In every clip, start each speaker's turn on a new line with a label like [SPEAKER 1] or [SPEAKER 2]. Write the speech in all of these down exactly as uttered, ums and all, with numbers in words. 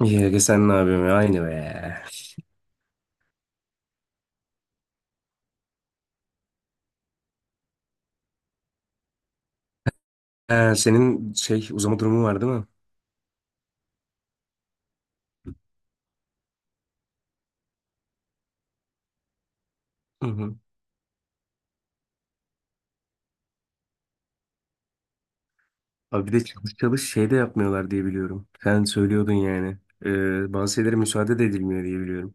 [SPEAKER 1] Yenge sen ne yapıyorsun ya? Aynı be. Ha, senin şey uzama durumu var değil mi? Hı hı. Abi bir de çalış çalış şey de yapmıyorlar diye biliyorum. Sen söylüyordun yani. Ee, bazı şeylere müsaade de edilmiyor diye biliyorum.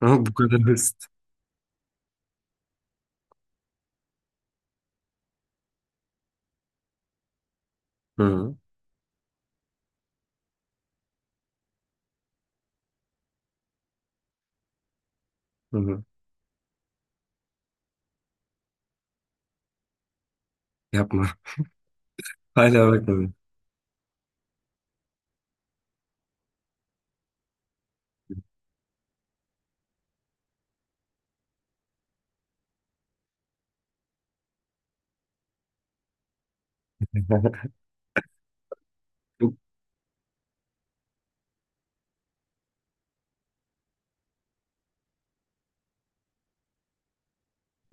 [SPEAKER 1] Ama bu kadar basit. Hı hı. Hı hı. Yapma. Hala bakmadım.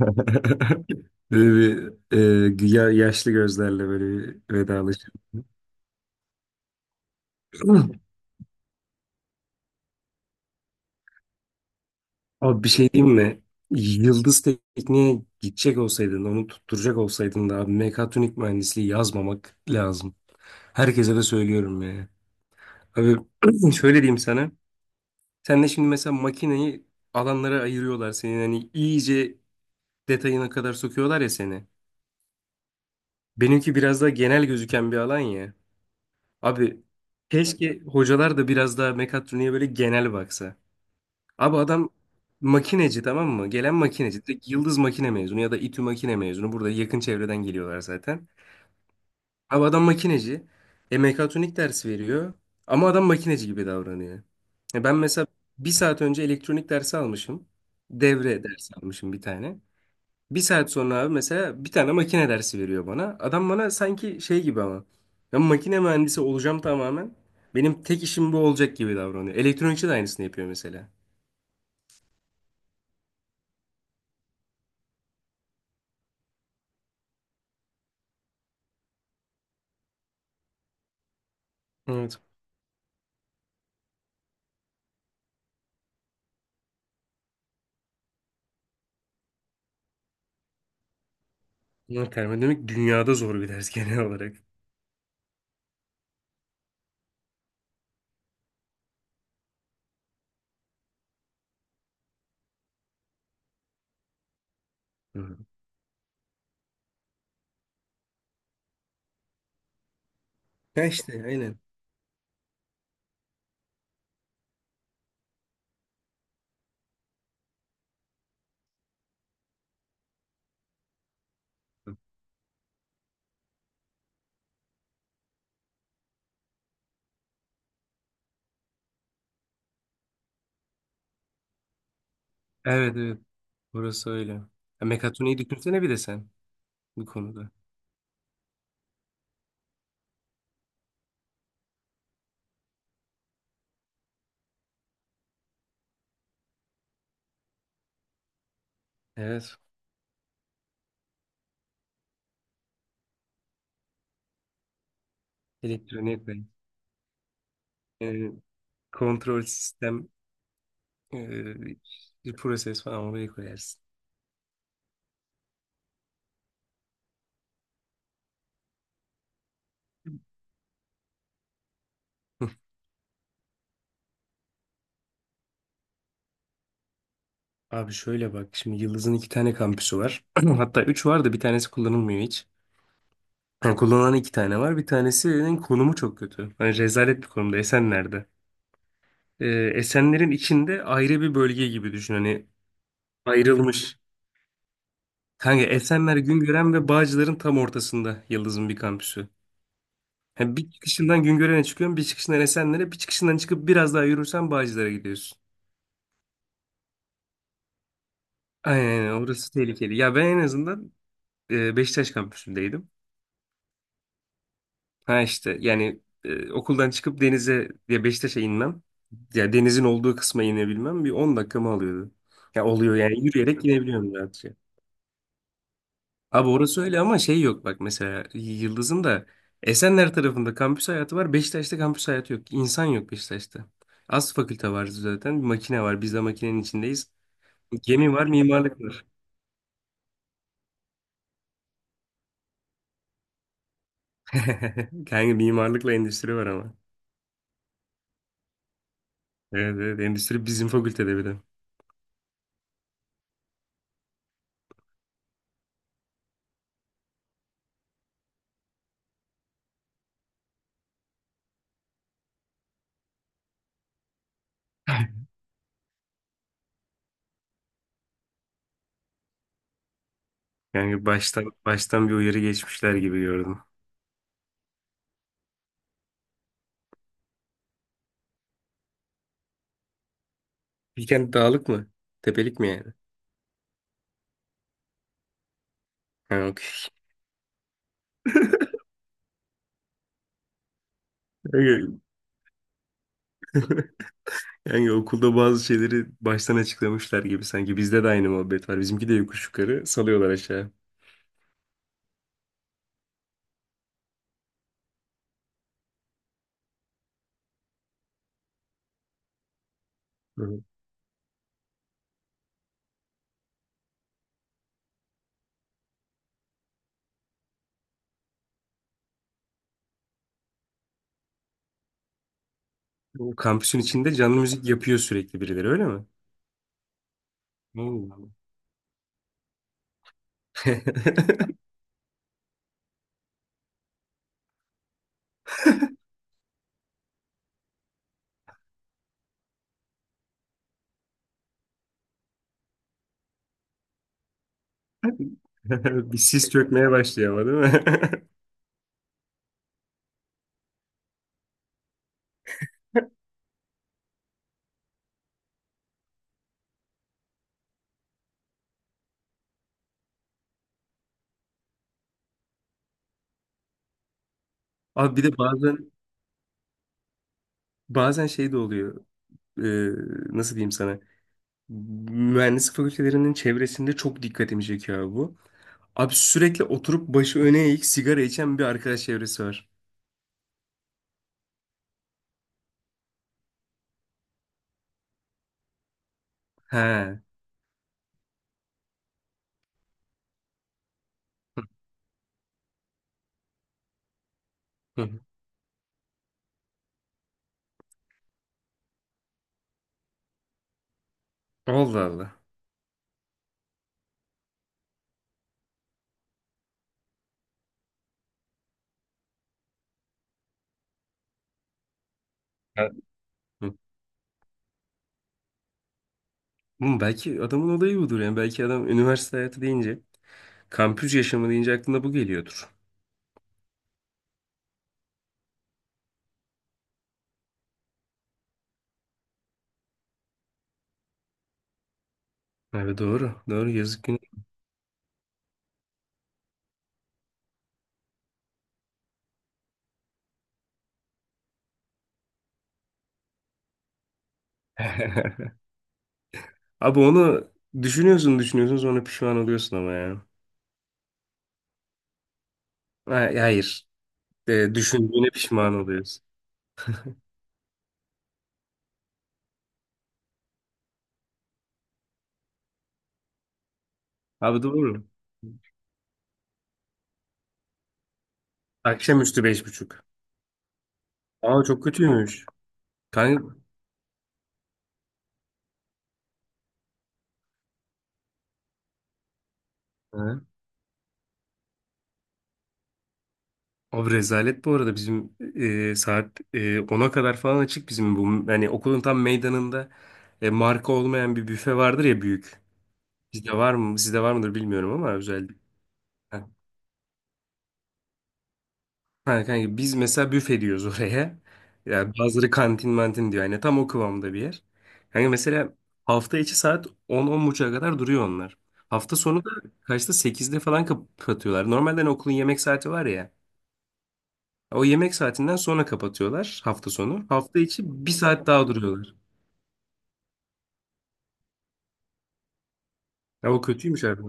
[SPEAKER 1] Böyle bir e, ya- yaşlı gözlerle böyle bir vedalaşıyorum. Abi bir şey diyeyim mi? Yıldız Tekniğe gidecek olsaydın, onu tutturacak olsaydın da abi mekatronik mühendisliği yazmamak lazım. Herkese de söylüyorum ya. Abi şöyle diyeyim sana. Sen de şimdi mesela makineyi alanlara ayırıyorlar seni. Hani iyice detayına kadar sokuyorlar ya seni. Benimki biraz daha genel gözüken bir alan ya. Abi keşke hocalar da biraz daha mekatroniğe böyle genel baksa. Abi adam makineci, tamam mı? Gelen makineci. Direkt Yıldız makine mezunu ya da İTÜ makine mezunu. Burada yakın çevreden geliyorlar zaten. Abi adam makineci. E, mekatronik dersi veriyor. Ama adam makineci gibi davranıyor. E, ben mesela bir saat önce elektronik dersi almışım. Devre dersi almışım bir tane. Bir saat sonra abi mesela bir tane makine dersi veriyor bana. Adam bana sanki şey gibi ama. Ben makine mühendisi olacağım tamamen. Benim tek işim bu olacak gibi davranıyor. Elektronikçi de aynısını yapıyor mesela. Evet. Ama termodinamik dünyada zor bir ders genel olarak. Hı. Ya işte aynen. Evet, evet. Orası öyle. Ya, mekatroniği düşünsene bir de sen bu konuda. Evet. Elektronik ve e, kontrol sistem, e, bir proses falan oraya koyarsın. Abi şöyle bak şimdi, Yıldız'ın iki tane kampüsü var. Hatta üç var da bir tanesi kullanılmıyor hiç. Yani kullanılan iki tane var. Bir tanesinin konumu çok kötü. Hani rezalet bir konumda. Esenler'de. Ee, Esenler'in içinde ayrı bir bölge gibi düşün. Hani ayrılmış. Kanka Esenler, Güngören ve Bağcılar'ın tam ortasında Yıldız'ın bir kampüsü. Ha, bir çıkışından Güngören'e çıkıyorsun, bir çıkışından Esenler'e, bir çıkışından çıkıp biraz daha yürürsen Bağcılar'a gidiyorsun. Aynen, aynen, orası tehlikeli. Ya ben en azından e, Beşiktaş kampüsündeydim. Ha işte yani e, okuldan çıkıp denize, ya Beşiktaş'a inmem, ya denizin olduğu kısma inebilmem bir on dakikamı alıyordu. Ya oluyor yani, yürüyerek inebiliyorum rahatça. Abi orası öyle ama şey yok bak, mesela Yıldız'ın da Esenler tarafında kampüs hayatı var. Beşiktaş'ta kampüs hayatı yok. İnsan yok Beşiktaş'ta. Az fakülte var zaten. Bir makine var. Biz de makinenin içindeyiz. Gemi var, mimarlık var. Kanka mimarlıkla endüstri var ama. Evet, evet, endüstri bizim fakültede bir de. Yani baştan baştan bir uyarı geçmişler gibi gördüm. Bilkent dağlık mı? Tepelik mi yani? Ha, okey. Yani okulda bazı şeyleri baştan açıklamışlar gibi sanki. Bizde de aynı muhabbet var. Bizimki de yokuş yukarı salıyorlar aşağı. Hı hı. Bu kampüsün içinde canlı müzik yapıyor sürekli birileri, öyle mi? Oo. Bir sis çökmeye başlıyor ama, değil mi? Abi bir de bazen bazen şey de oluyor. Ee, nasıl diyeyim sana? Mühendislik fakültelerinin çevresinde çok dikkatimi çekiyor abi bu. Abi sürekli oturup başı öne eğik sigara içen bir arkadaş çevresi var. He. Hı. Allah Allah. Evet. Hı, belki adamın olayı budur yani. Belki adam üniversite hayatı deyince, kampüs yaşamı deyince aklına bu geliyordur. Abi doğru. Doğru, yazık günü. Abi onu düşünüyorsun düşünüyorsun, sonra pişman oluyorsun ama ya. Ha- Hayır. E, düşündüğüne pişman oluyorsun. Abi doğru. Akşamüstü beş buçuk. Aa, çok kötüymüş. Kanka. Ha? Abi rezalet, bu arada bizim e, saat e, ona kadar falan açık bizim bu. Yani okulun tam meydanında e, marka olmayan bir büfe vardır ya büyük. Bizde var mı? Sizde var mıdır bilmiyorum ama özellikle. Ha, ha, kanka biz mesela büfe diyoruz oraya. Ya bazıları kantin mantin diyor. Yani tam o kıvamda bir yer. Hani mesela hafta içi saat on on buçuğa kadar duruyor onlar. Hafta sonu da kaçta? Sekizde falan kapatıyorlar. Normalde hani okulun yemek saati var ya. O yemek saatinden sonra kapatıyorlar hafta sonu. Hafta içi bir saat daha duruyorlar. Ya o kötüymüş abi.